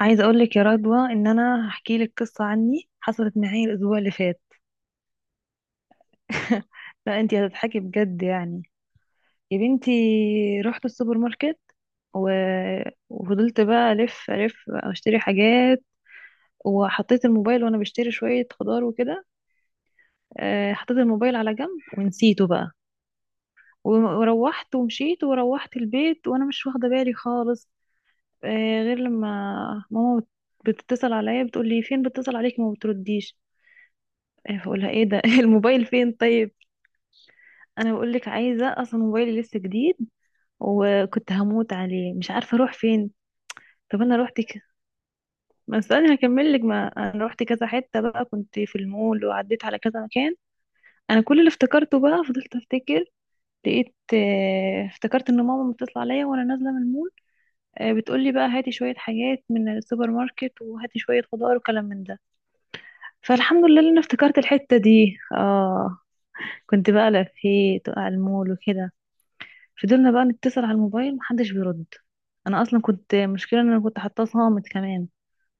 عايزه اقول لك يا رضوى ان انا هحكي لك قصه عني حصلت معايا الاسبوع اللي فات. لا انتي هتضحكي بجد يعني. يا بنتي، رحت السوبر ماركت و... وفضلت بقى الف الف اشتري حاجات وحطيت الموبايل وانا بشتري شويه خضار وكده. حطيت الموبايل على جنب ونسيته بقى. و- وروحت ومشيت وروحت البيت وانا مش واخده بالي خالص. غير لما ماما بتتصل عليا بتقول لي فين، بتتصل عليك ما بترديش. بقولها ايه ده؟ الموبايل فين؟ طيب انا بقول لك، عايزه اصلا موبايلي لسه جديد وكنت هموت عليه، مش عارفه اروح فين. طب انا رحت ما استني هكمل لك، ما انا رحت كذا حته بقى، كنت في المول وعديت على كذا مكان. انا كل اللي افتكرته بقى، فضلت افتكر، لقيت آه، افتكرت ان ماما بتطلع عليا وانا نازله من المول. بتقولي بقى هاتي شويه حاجات من السوبر ماركت وهاتي شويه خضار وكلام من ده. فالحمد لله ان انا افتكرت الحته دي. اه. كنت بقى لفيت وقع المول وكده. فضلنا بقى نتصل على الموبايل محدش بيرد. انا اصلا كنت مشكلة ان انا كنت حاطاه صامت كمان،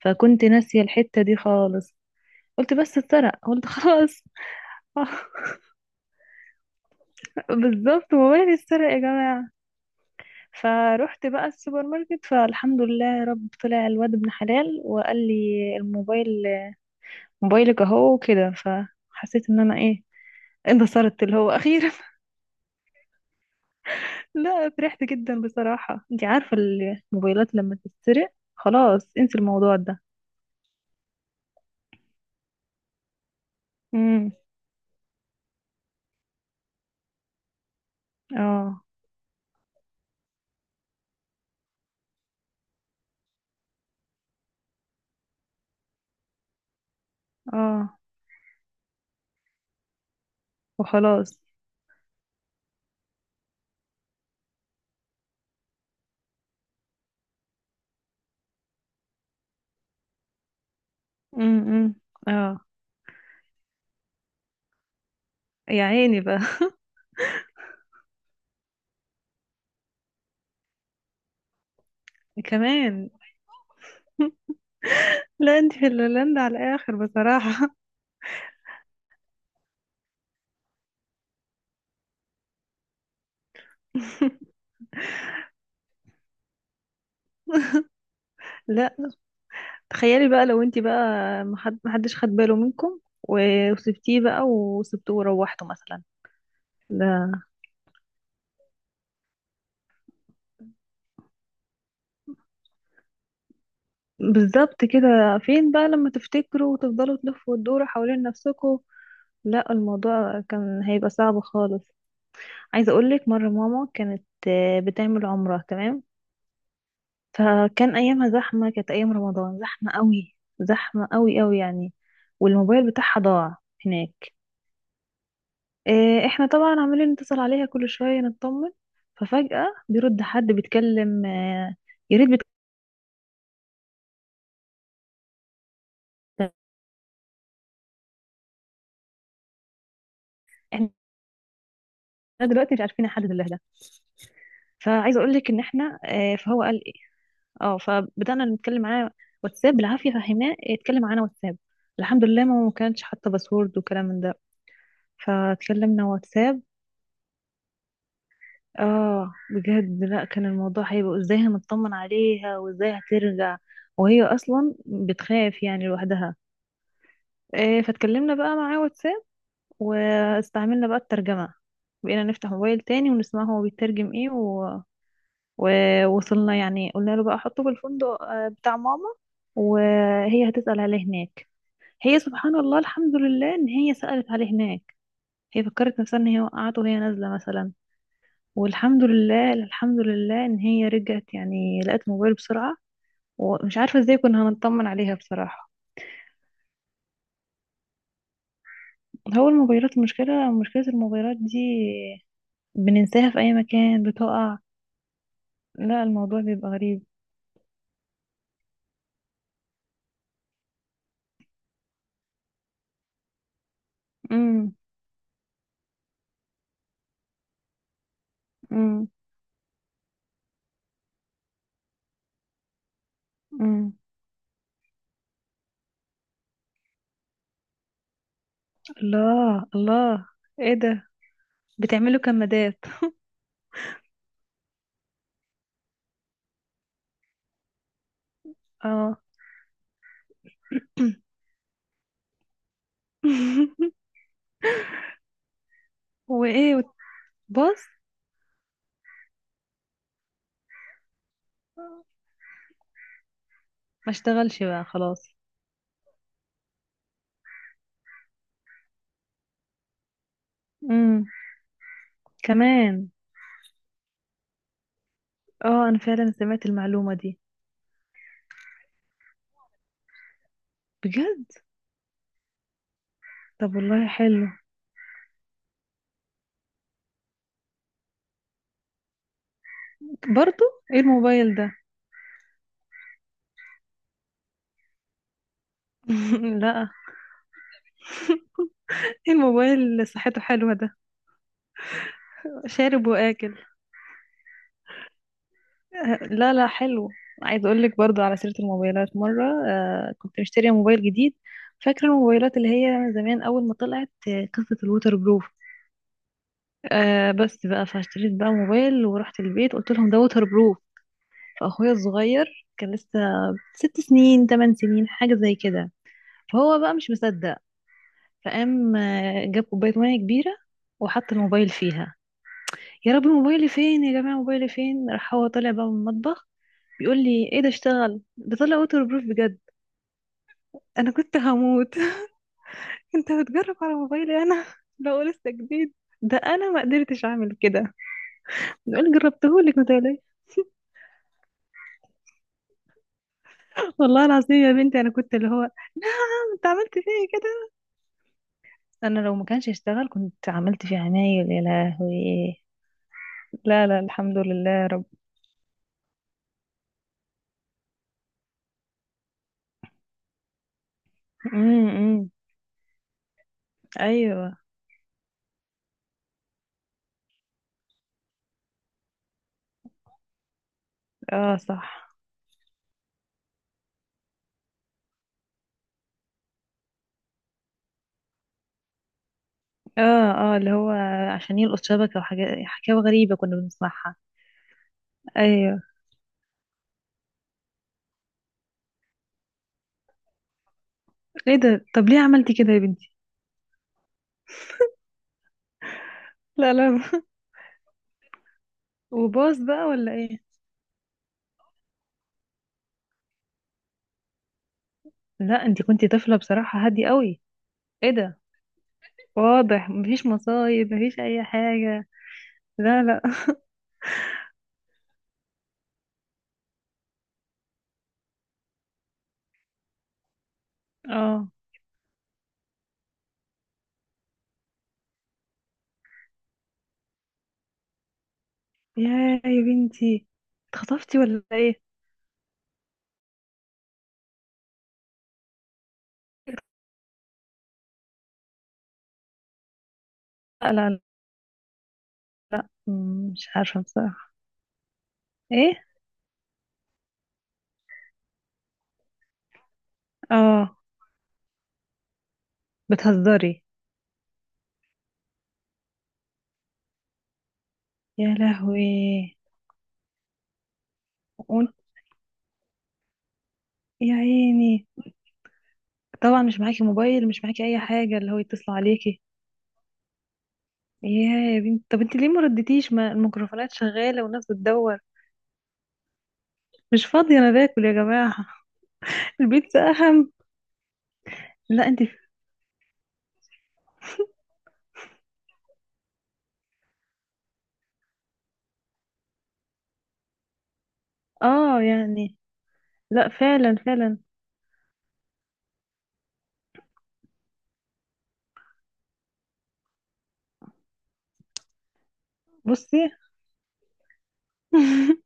فكنت ناسية الحتة دي خالص. قلت بس اتسرق، قلت خلاص. بالظبط، موبايلي اتسرق يا جماعة. فروحت بقى السوبر ماركت، فالحمد لله يا رب، طلع الواد ابن حلال وقال لي الموبايل، موبايلك اهو وكده. فحسيت ان انا ايه، انتصرت اللي هو اخيرا. لا، فرحت جدا بصراحة، انت عارفة الموبايلات لما تتسرق خلاص انسي الموضوع ده. اه. اه. وخلاص. امم. اه. يا عيني بقى. كمان؟ لا انت في الهولندا على الاخر بصراحة. لا، تخيلي بقى لو انت بقى محدش خد باله منكم و- وسبتيه بقى وسبتوه وروحته مثلا. ده بالظبط كده. فين بقى لما تفتكروا وتفضلوا تلفوا وتدوروا حوالين نفسكم؟ لا الموضوع كان هيبقى صعب خالص. عايزة اقولك، مرة ماما كانت بتعمل عمرة، تمام؟ فكان ايامها زحمه، كانت ايام رمضان زحمه قوي، زحمه قوي قوي يعني. والموبايل بتاعها ضاع هناك. احنا طبعا عمالين نتصل عليها كل شويه نطمن. ففجاه بيرد حد بيتكلم، يا ريت بيتكلم. احنا دلوقتي مش عارفين حد لله ده. فعايزه اقول لك ان احنا فهو قال ايه. اه، فبدانا نتكلم معاه واتساب بالعافيه، فهمناه يتكلم معانا واتساب. الحمد لله ماما ما كانتش حاطه باسورد وكلام من ده، فاتكلمنا واتساب. اه بجد، لا كان الموضوع هيبقى ازاي هنطمن عليها وازاي هترجع، وهي اصلا بتخاف يعني لوحدها. إيه، فاتكلمنا بقى معاه واتساب واستعملنا بقى الترجمة، بقينا نفتح موبايل تاني ونسمع هو بيترجم ايه ووصلنا يعني. قلنا له بقى حطه بالفندق بتاع ماما وهي هتسأل عليه هناك. هي سبحان الله الحمد لله ان هي سألت عليه هناك. هي فكرت نفسها ان هي وقعت وهي نازلة مثلا. والحمد لله، الحمد لله ان هي رجعت يعني، لقت موبايل بسرعة. ومش عارفة ازاي كنا هنطمن عليها بصراحة. هو الموبايلات، المشكلة مشكلة الموبايلات دي بننساها في اي مكان بتقع. لا الموضوع بيبقى غريب. امم. امم. امم. الله الله. ايه ده، بتعملوا كمادات؟ اه. وايه؟ بص. ما اشتغلش بقى، خلاص. امم. كمان؟ اه انا فعلا سمعت المعلومة دي. بجد؟ طب والله حلو. برضو؟ ايه الموبايل ده؟ لا، ايه الموبايل اللي صحته حلوة ده؟ شارب واكل. لا لا، حلو. عايز اقول لك برضو على سيرة الموبايلات، مرة كنت مشترية موبايل جديد. فاكرة الموبايلات اللي هي زمان اول ما طلعت، قصة الووتر بروف. آه بس بقى، فاشتريت بقى موبايل ورحت البيت قلت لهم ده ووتر بروف. فاخويا الصغير كان لسه 6 سنين 8 سنين حاجة زي كده. فهو بقى مش مصدق، فقام جاب كوباية مية كبيرة وحط الموبايل فيها. يا رب، موبايلي فين يا جماعة؟ موبايلي فين؟ راح هو طالع بقى من المطبخ بيقول لي ايه ده اشتغل؟ ده طلع ووتر بروف بجد. انا كنت هموت. انت بتجرب على موبايلي انا؟ بقول لسه جديد، ده انا ما قدرتش اعمل كده. بيقول جربتهولك متهيألي. والله العظيم يا بنتي، انا كنت اللي هو، نعم، انت عملت فيا كده؟ انا لو ما كانش اشتغل كنت عملت فيه عمايل يا لهوي. لا لا، الحمد لله يا رب. امم. أمم. ايوه. اه صح. اه. اه، اللي هو عشان يلقط شبكة وحاجات، حكاوي غريبة كنا بنسمعها. ايوه. ايه ده؟ طب ليه عملتي كده يا بنتي؟ لا لا. وباص بقى ولا ايه؟ لا انتي كنتي طفلة بصراحة هادية قوي. ايه ده؟ واضح مفيش مصايب، مفيش اي حاجة. لا لا. اه. يا يا بنتي، اتخطفتي ولا ايه؟ لا لا لا. مم، مش عارفة بصراحة. ايه. اه. بتهزري؟ يا لهوي. وانت- يا عيني، طبعا مش معاكي موبايل، مش معاكي اي حاجة اللي هو يتصلوا عليكي. يا يا بنت، طب انت ليه ما ردتيش، ما الميكروفونات شغالة والناس بتدور؟ مش فاضية انا باكل يا جماعة. البيتزا اهم. لا انت. اه يعني لا، فعلا فعلا. بصي.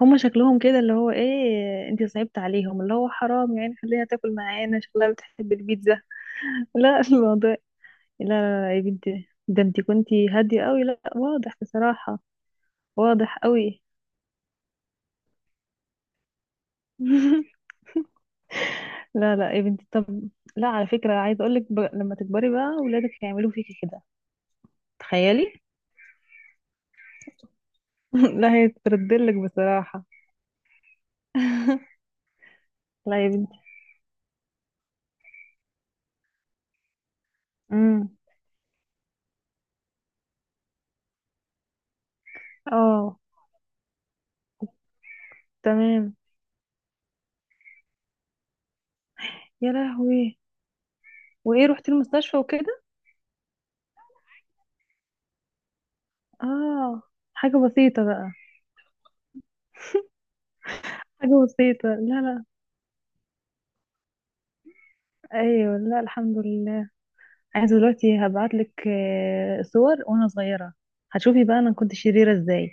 هما شكلهم كده اللي هو ايه، انت صعبت عليهم اللي هو حرام يعني، خليها تاكل معانا شكلها بتحب البيتزا. لا الموضوع. لا لا لا يا بنتي، ده انت كنتي هادية قوي. لا واضح بصراحة، واضح قوي. لا لا يا بنتي، طب لا على فكرة، عايزة اقولك لما تكبري بقى ولادك هيعملوا فيكي كده. تخيلي. لا هيتردلك بصراحة. لا يا بنتي. امم. اه تمام. يا لهوي. وايه، رحتي المستشفى وكده؟ اه. حاجة بسيطة بقى. حاجة بسيطة لا لا. ايوه لا الحمد لله. عايزة دلوقتي هبعتلك صور وانا صغيرة، هتشوفي بقى انا كنت شريرة ازاي.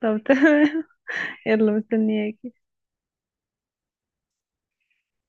طب تمام. يلا مستنياك.